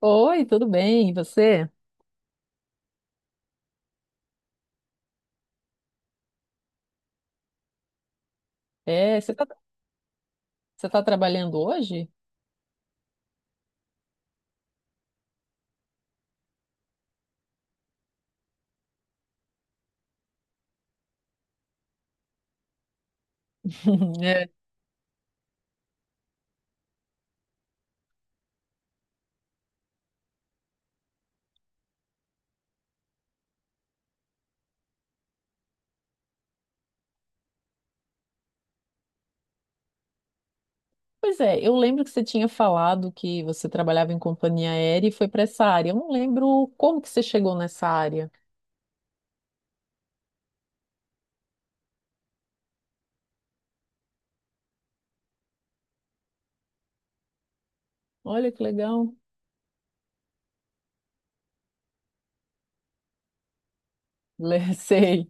Oi, tudo bem? E você? É, você tá, você tá trabalhando hoje? É. Pois é, eu lembro que você tinha falado que você trabalhava em companhia aérea e foi para essa área. Eu não lembro como que você chegou nessa área. Olha que legal. Sei.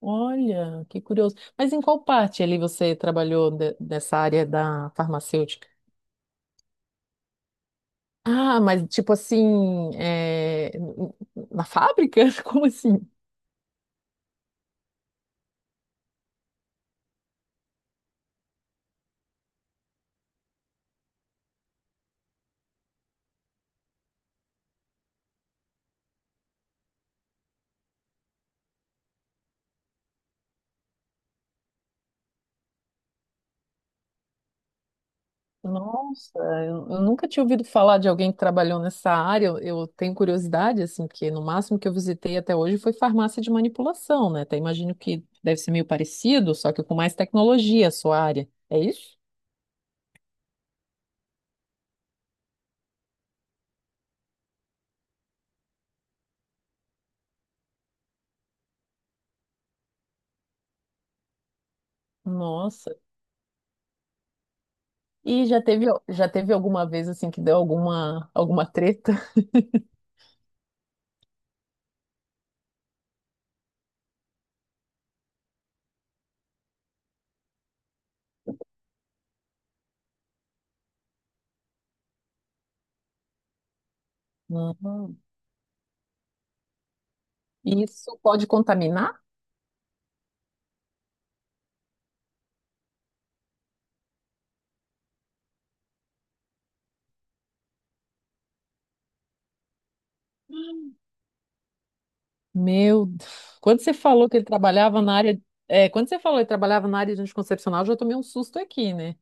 Olha, que curioso. Mas em qual parte ali você trabalhou dessa área da farmacêutica? Ah, mas tipo assim, na fábrica? Como assim? Nossa, eu nunca tinha ouvido falar de alguém que trabalhou nessa área. Eu tenho curiosidade, assim, porque no máximo que eu visitei até hoje foi farmácia de manipulação, né? Até imagino que deve ser meio parecido, só que com mais tecnologia a sua área. É isso? Nossa. E já teve alguma vez, assim, que deu alguma, alguma treta? Uhum. E isso pode contaminar? Hum. Meu Deus. Quando você falou que ele trabalhava na área, é, Quando você falou que ele trabalhava na área de anticoncepcional, eu já tomei um susto aqui, né?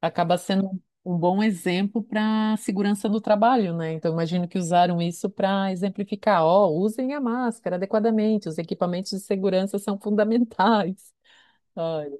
Acaba sendo um bom exemplo para segurança no trabalho, né? Então, imagino que usaram isso para exemplificar, ó, usem a máscara adequadamente, os equipamentos de segurança são fundamentais. Olha.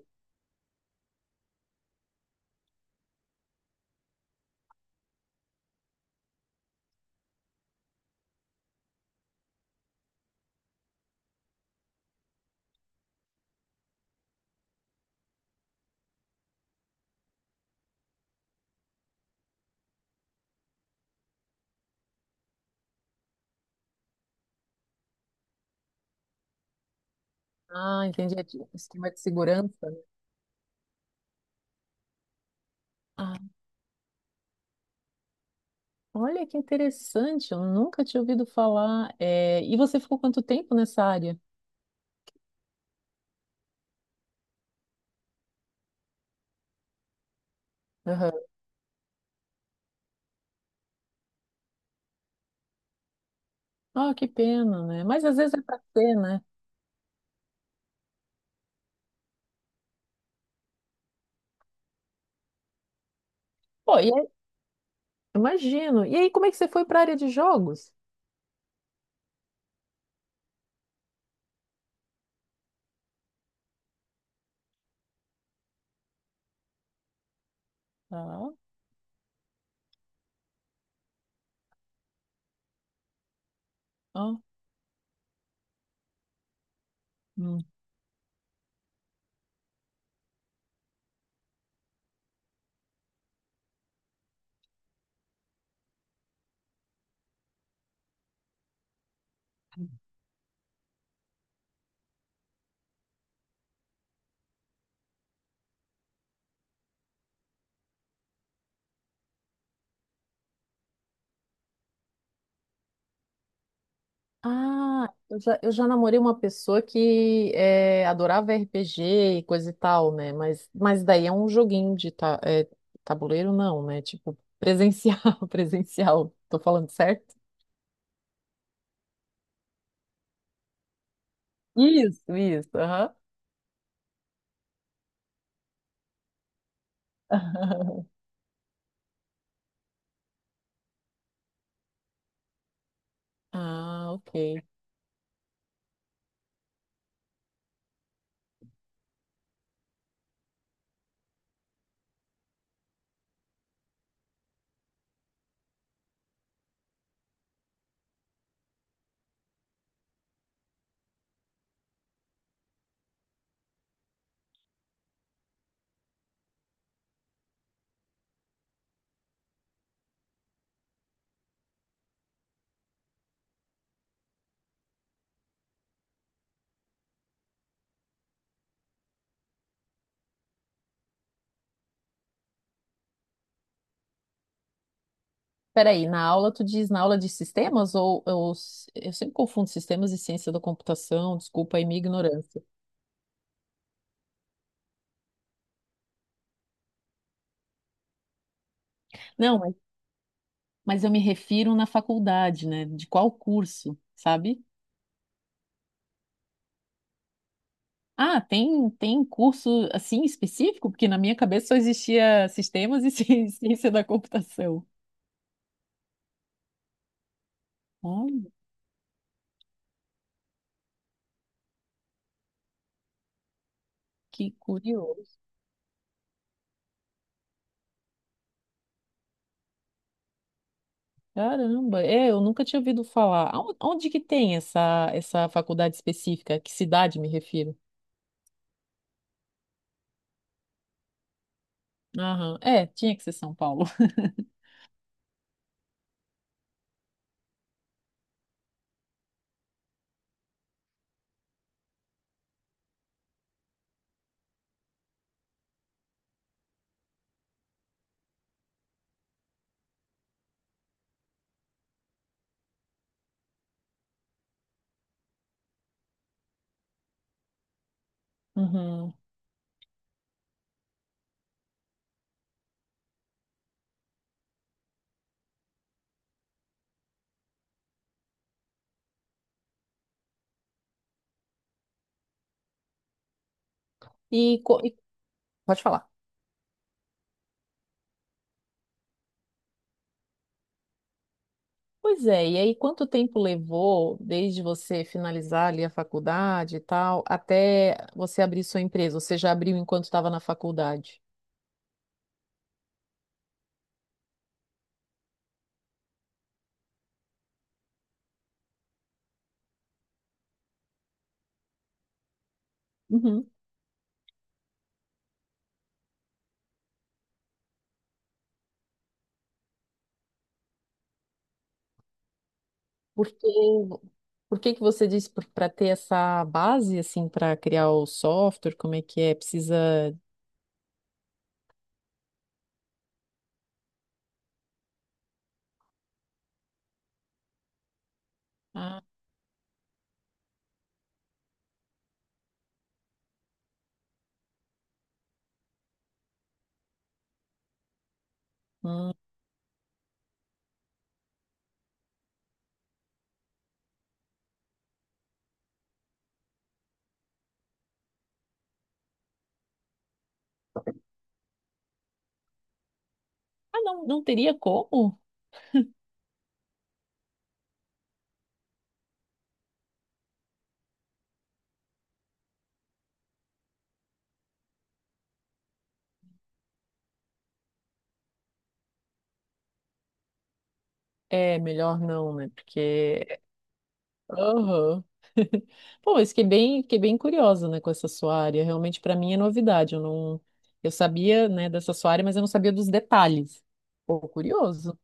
Ah, entendi. É tipo um esquema de segurança. Ah, olha que interessante, eu nunca tinha ouvido falar. É, e você ficou quanto tempo nessa área? Aham. Ah, que pena, né? Mas às vezes é para ser, né? Pô, imagino. E aí, como é que você foi para a área de jogos? Ah, ó. Uhum. Ah, eu já namorei uma pessoa que adorava RPG e coisa e tal, né? Mas daí é um joguinho de tabuleiro, não, né? Tipo, presencial, presencial. Tô falando certo? Isso, aham. Ah, ok. Peraí, na aula tu diz na aula de sistemas ou, eu sempre confundo sistemas e ciência da computação, desculpa aí minha ignorância. Não, mas eu me refiro na faculdade, né? De qual curso, sabe? Ah, tem, tem curso assim específico? Porque na minha cabeça só existia sistemas e ciência da computação. Olha, que curioso. Caramba, é, eu nunca tinha ouvido falar. Onde que tem essa faculdade específica? Que cidade me refiro? Aham, é, tinha que ser São Paulo. Uhum. E, co- e- pode falar. Pois é, e aí quanto tempo levou desde você finalizar ali a faculdade e tal, até você abrir sua empresa? Ou você já abriu enquanto estava na faculdade? Uhum. Porque, por que que você disse para ter essa base assim para criar o software, como é que é? Precisa. Ah, hum. Ah, não, não teria como? É, melhor não, né? Porque, aham. Pô, mas fiquei bem curiosa, né, com essa sua área. Realmente para mim é novidade, eu não eu sabia, né, dessa sua área, mas eu não sabia dos detalhes. Pô, curioso.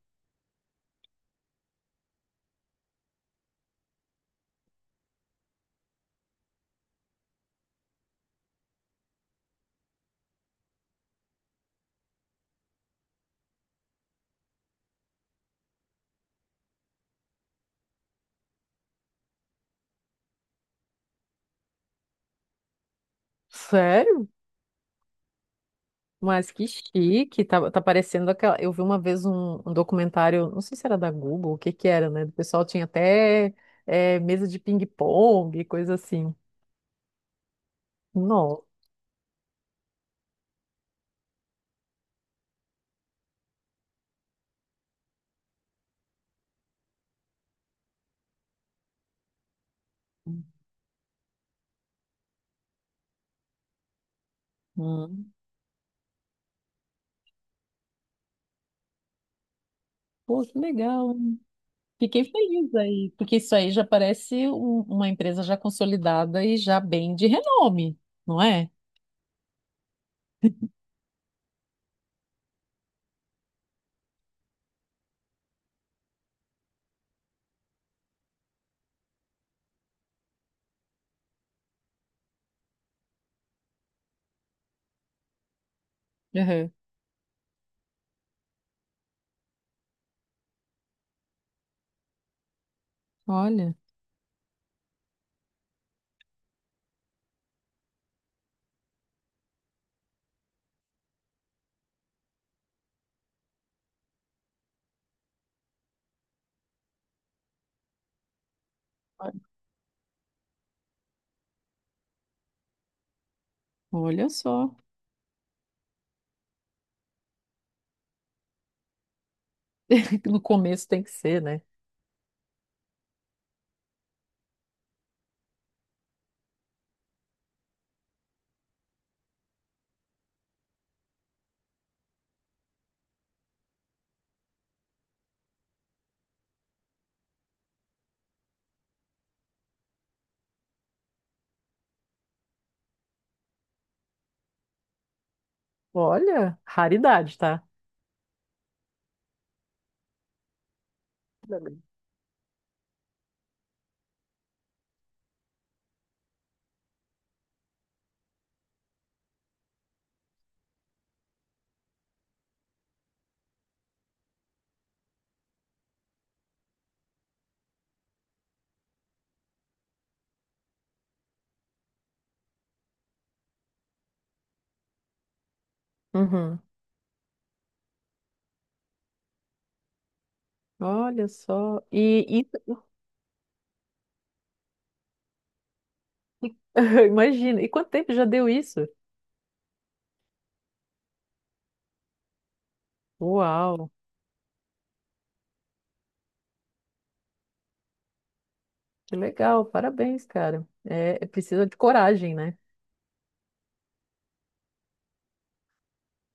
Sério? Mas que chique, tá, tá parecendo aquela. Eu vi uma vez um documentário, não sei se era da Google, o que que era, né? O pessoal tinha até mesa de ping-pong, coisa assim. Nossa. Hum. Pô, que legal. Fiquei feliz aí, porque isso aí já parece uma empresa já consolidada e já bem de renome, não é? Aham. Olha, olha só. No começo tem que ser, né? Olha, raridade, tá? Uhum. Olha só. E, imagina. E quanto tempo já deu isso? Uau, que legal, parabéns, cara. É, é precisa de coragem, né?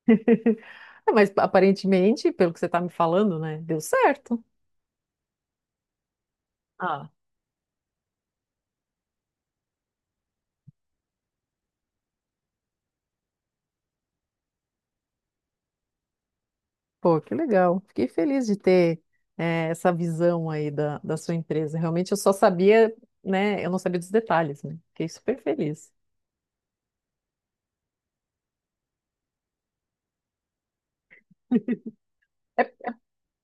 Ah, mas aparentemente, pelo que você está me falando, né, deu certo. Ah, pô, que legal. Fiquei feliz de ter essa visão aí da sua empresa. Realmente eu só sabia, né, eu não sabia dos detalhes, né? Fiquei super feliz. É.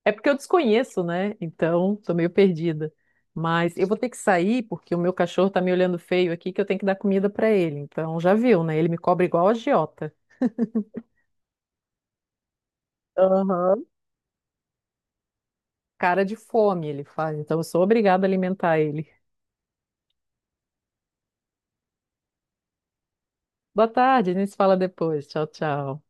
É porque eu desconheço, né? Então, tô meio perdida. Mas eu vou ter que sair porque o meu cachorro tá me olhando feio aqui que eu tenho que dar comida pra ele. Então, já viu, né? Ele me cobra igual a agiota. Aham. Cara de fome ele faz. Então, eu sou obrigada a alimentar ele. Boa tarde, a gente se fala depois. Tchau, tchau.